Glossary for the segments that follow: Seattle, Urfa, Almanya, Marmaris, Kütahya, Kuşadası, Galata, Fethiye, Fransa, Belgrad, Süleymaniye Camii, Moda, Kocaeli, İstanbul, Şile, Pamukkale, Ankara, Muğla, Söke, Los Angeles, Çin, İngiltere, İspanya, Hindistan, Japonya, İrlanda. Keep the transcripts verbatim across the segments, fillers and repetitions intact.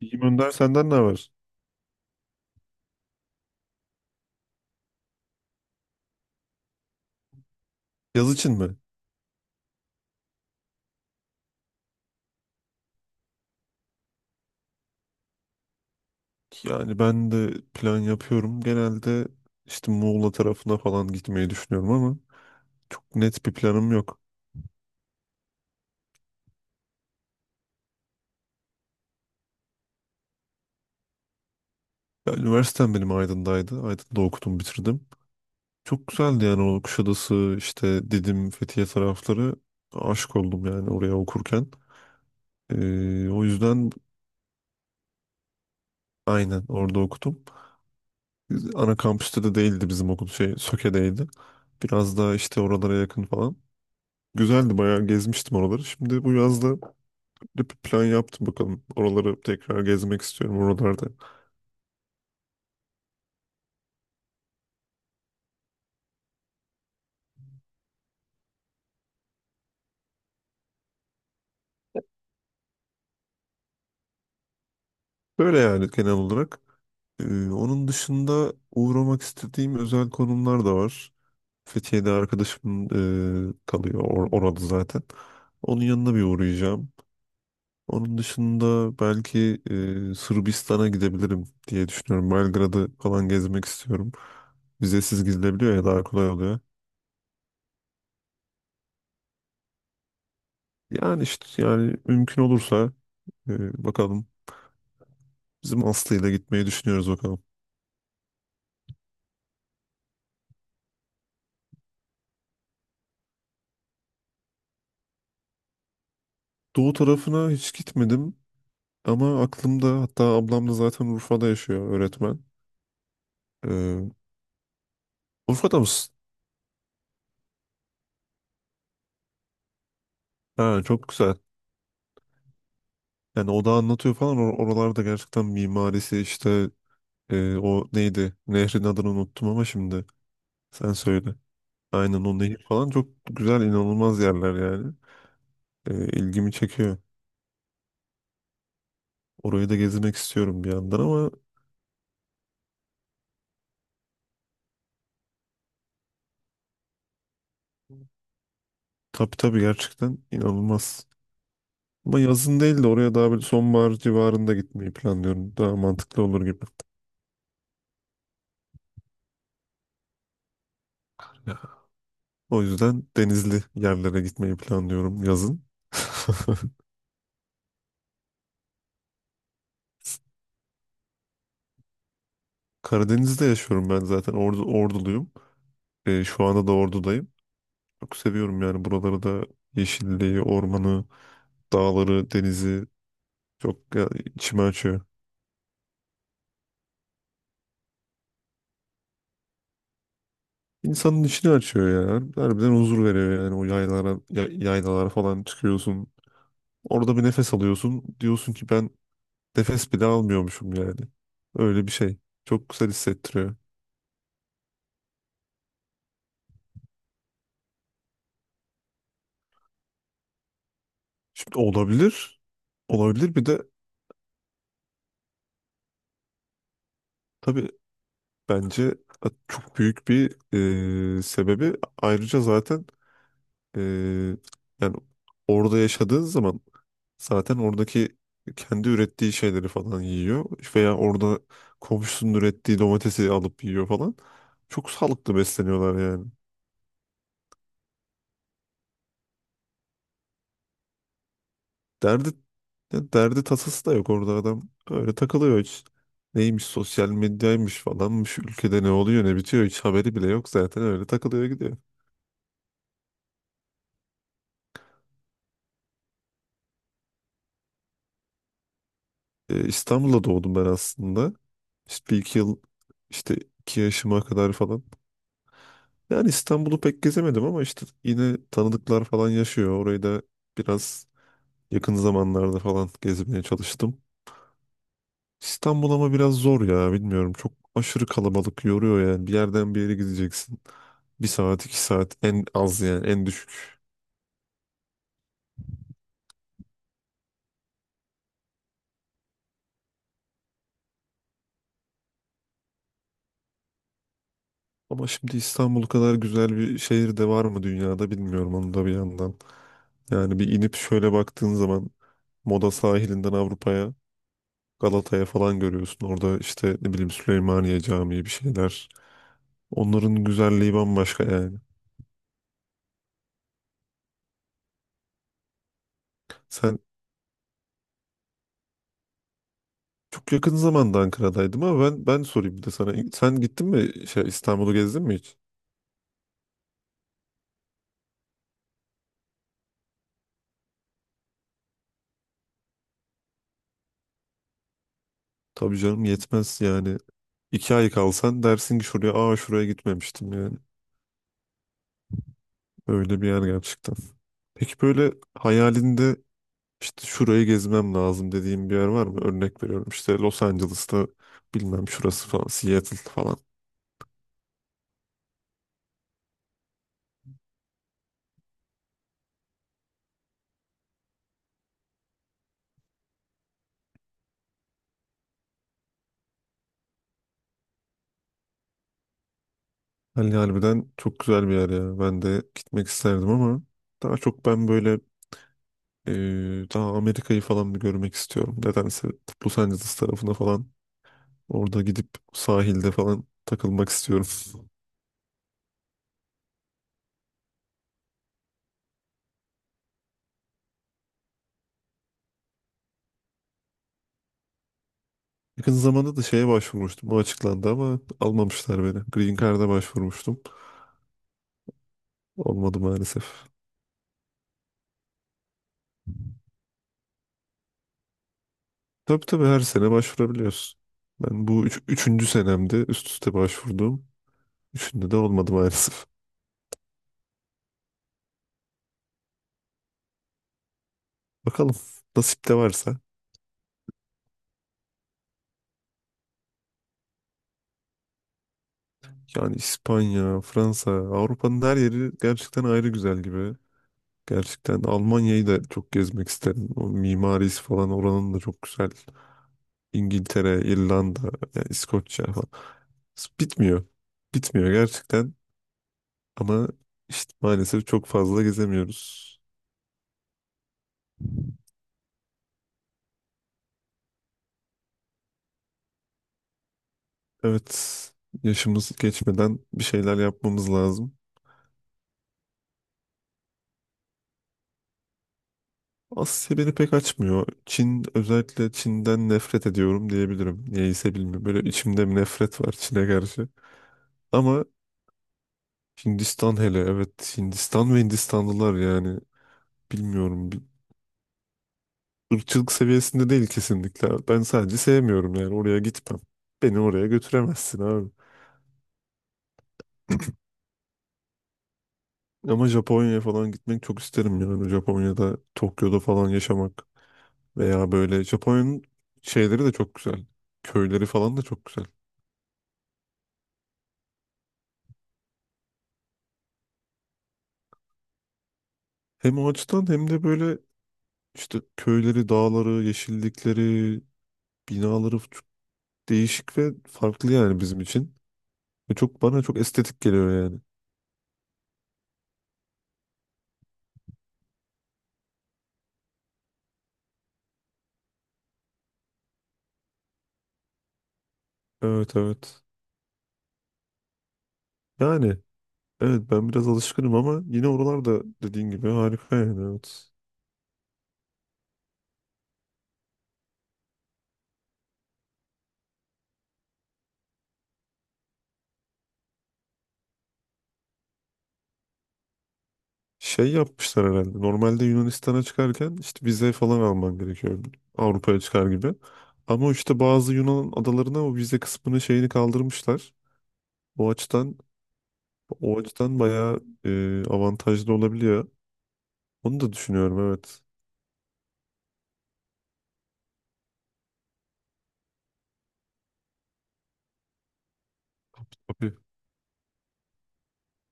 İyiyim Önder, senden ne haber? Yaz için mi? Yani ben de plan yapıyorum. Genelde işte Muğla tarafına falan gitmeyi düşünüyorum ama çok net bir planım yok. Ya, üniversitem benim Aydın'daydı. Aydın'da okudum, bitirdim. Çok güzeldi yani o Kuşadası, işte Didim, Fethiye tarafları. Aşık oldum yani oraya okurken. Ee, o yüzden aynen orada okudum. Biz- Ana kampüste de değildi bizim okul şey Söke'deydi. Biraz daha işte oralara yakın falan. Güzeldi, bayağı gezmiştim oraları. Şimdi bu yazda bir plan yaptım bakalım. Oraları tekrar gezmek istiyorum oralarda. Böyle yani, genel olarak. Ee, Onun dışında uğramak istediğim özel konumlar da var. Fethiye'de arkadaşım e, kalıyor or- orada zaten. Onun yanına bir uğrayacağım. Onun dışında belki e, Sırbistan'a gidebilirim diye düşünüyorum. Belgrad'ı falan gezmek istiyorum. Vizesiz gidilebiliyor ya, daha kolay oluyor. Yani işte, yani mümkün olursa e, bakalım. Bizim Aslı ile gitmeyi düşünüyoruz, bakalım. Doğu tarafına hiç gitmedim ama aklımda, hatta ablam da zaten Urfa'da yaşıyor, öğretmen. Ee, Urfa'da mısın? Ha, çok güzel. Yani o da anlatıyor falan. Or- oralarda gerçekten mimarisi işte, e, o neydi? Nehrin adını unuttum ama şimdi sen söyle. Aynen, o nehir falan çok güzel, inanılmaz yerler yani. Ee, ilgimi çekiyor. Orayı da gezmek istiyorum bir yandan ama tabii tabii, gerçekten inanılmaz. Ama yazın değil de oraya daha böyle sonbahar civarında gitmeyi planlıyorum. Daha mantıklı olur gibi. O yüzden denizli yerlere gitmeyi planlıyorum yazın. Karadeniz'de yaşıyorum ben zaten. Ordu, Orduluyum. Ee, şu anda da Ordu'dayım. Çok seviyorum yani buraları da, yeşilliği, ormanı, dağları, denizi, çok ya, içimi açıyor. İnsanın içini açıyor yani. Harbiden huzur veriyor yani, o yaylalara, ya- yaylalara falan çıkıyorsun. Orada bir nefes alıyorsun. Diyorsun ki ben nefes bile almıyormuşum yani. Öyle bir şey. Çok güzel hissettiriyor. Şimdi, olabilir. Olabilir, bir de tabii, bence çok büyük bir e, sebebi ayrıca zaten, e, yani orada yaşadığın zaman zaten oradaki kendi ürettiği şeyleri falan yiyor, veya orada komşusunun ürettiği domatesi alıp yiyor falan. Çok sağlıklı besleniyorlar yani. Derdi ya derdi tasası da yok, orada adam öyle takılıyor hiç. Neymiş sosyal medyaymış falanmış, ülkede ne oluyor ne bitiyor hiç haberi bile yok, zaten öyle takılıyor gidiyor. e, İstanbul'da doğdum ben aslında. İşte bir iki yıl, işte iki yaşıma kadar falan. Yani İstanbul'u pek gezemedim ama işte yine tanıdıklar falan yaşıyor. Orayı da biraz yakın zamanlarda falan gezmeye çalıştım. İstanbul ama biraz zor ya, bilmiyorum. Çok aşırı kalabalık, yoruyor yani. Bir yerden bir yere gideceksin, bir saat iki saat en az yani, en düşük. Ama şimdi İstanbul kadar güzel bir şehir de var mı dünyada, bilmiyorum onu da bir yandan. Yani bir inip şöyle baktığın zaman Moda sahilinden Avrupa'ya, Galata'ya falan görüyorsun. Orada işte ne bileyim Süleymaniye Camii, bir şeyler. Onların güzelliği bambaşka yani. Sen çok yakın zamanda Ankara'daydın ama ben ben sorayım bir de sana. Sen gittin mi şey, İstanbul'u gezdin mi hiç? Tabii canım, yetmez yani. İki ay kalsan dersin ki şuraya, aa şuraya gitmemiştim yani. Öyle bir yer gerçekten. Peki böyle hayalinde işte şurayı gezmem lazım dediğim bir yer var mı? Örnek veriyorum işte Los Angeles'ta, bilmem şurası falan, Seattle falan. Hani harbiden çok güzel bir yer ya. Ben de gitmek isterdim ama daha çok ben böyle. Ee, Daha Amerika'yı falan bir görmek istiyorum. Nedense Los Angeles tarafına falan, orada gidip sahilde falan takılmak istiyorum. Yakın zamanda da şeye başvurmuştum. O açıklandı ama almamışlar beni. Green Card'a başvurmuştum. Olmadı maalesef. Tabii tabii, her sene başvurabiliyorsun. Ben bu üç, üçüncü senemde üst üste başvurduğum. Üçünde de olmadı maalesef. Bakalım, nasip de varsa. Yani İspanya, Fransa, Avrupa'nın her yeri gerçekten ayrı güzel gibi. Gerçekten Almanya'yı da çok gezmek isterim. O mimarisi falan oranın da çok güzel. İngiltere, İrlanda, yani İskoçya falan. Bitmiyor. Bitmiyor gerçekten. Ama işte maalesef çok fazla gezemiyoruz. Evet, yaşımız geçmeden bir şeyler yapmamız lazım. Asya beni pek açmıyor. Çin, özellikle Çin'den nefret ediyorum diyebilirim. Niyeyse bilmiyorum. Böyle içimde bir nefret var Çin'e karşı. Ama Hindistan, hele evet, Hindistan ve Hindistanlılar yani, bilmiyorum. Bir Irkçılık seviyesinde değil kesinlikle. Ben sadece sevmiyorum yani. Oraya gitmem. Beni oraya götüremezsin abi. Ama Japonya'ya falan gitmek çok isterim yani. Japonya'da, Tokyo'da falan yaşamak. Veya böyle Japonya'nın şeyleri de çok güzel. Köyleri falan da çok güzel. Hem o açıdan hem de böyle işte köyleri, dağları, yeşillikleri, binaları çok değişik ve farklı yani bizim için. Ve çok, bana çok estetik geliyor yani. Evet evet. Yani evet, ben biraz alışkınım ama yine oralarda dediğin gibi harika yani, evet. Şey yapmışlar herhalde. Normalde Yunanistan'a çıkarken işte vize falan alman gerekiyor. Avrupa'ya çıkar gibi. Ama işte bazı Yunan adalarına o vize kısmını, şeyini kaldırmışlar. O açıdan o açıdan bayağı e, avantajlı olabiliyor. Onu da düşünüyorum, evet. Tabii.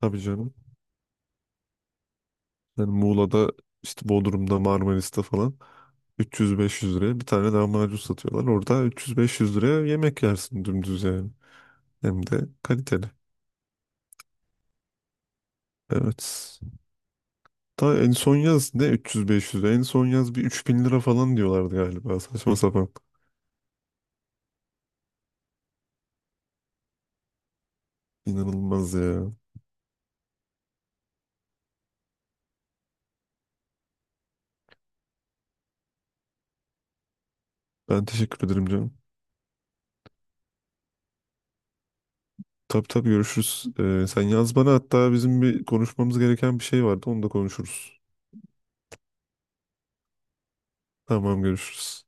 Tabii canım. Yani Muğla'da, işte Bodrum'da, Marmaris'te falan üç yüz beş yüz liraya bir tane lahmacun satıyorlar. Orada üç yüz beş yüz liraya yemek yersin dümdüz yani. Hem de kaliteli. Evet. Daha en son yaz ne, üç yüz beş yüz lira. En son yaz bir üç bin lira falan diyorlardı galiba. Saçma sapan. İnanılmaz ya. Ben teşekkür ederim canım. Tabii tabii, görüşürüz. Ee, sen yaz bana, hatta bizim bir konuşmamız gereken bir şey vardı. Onu da konuşuruz. Tamam, görüşürüz.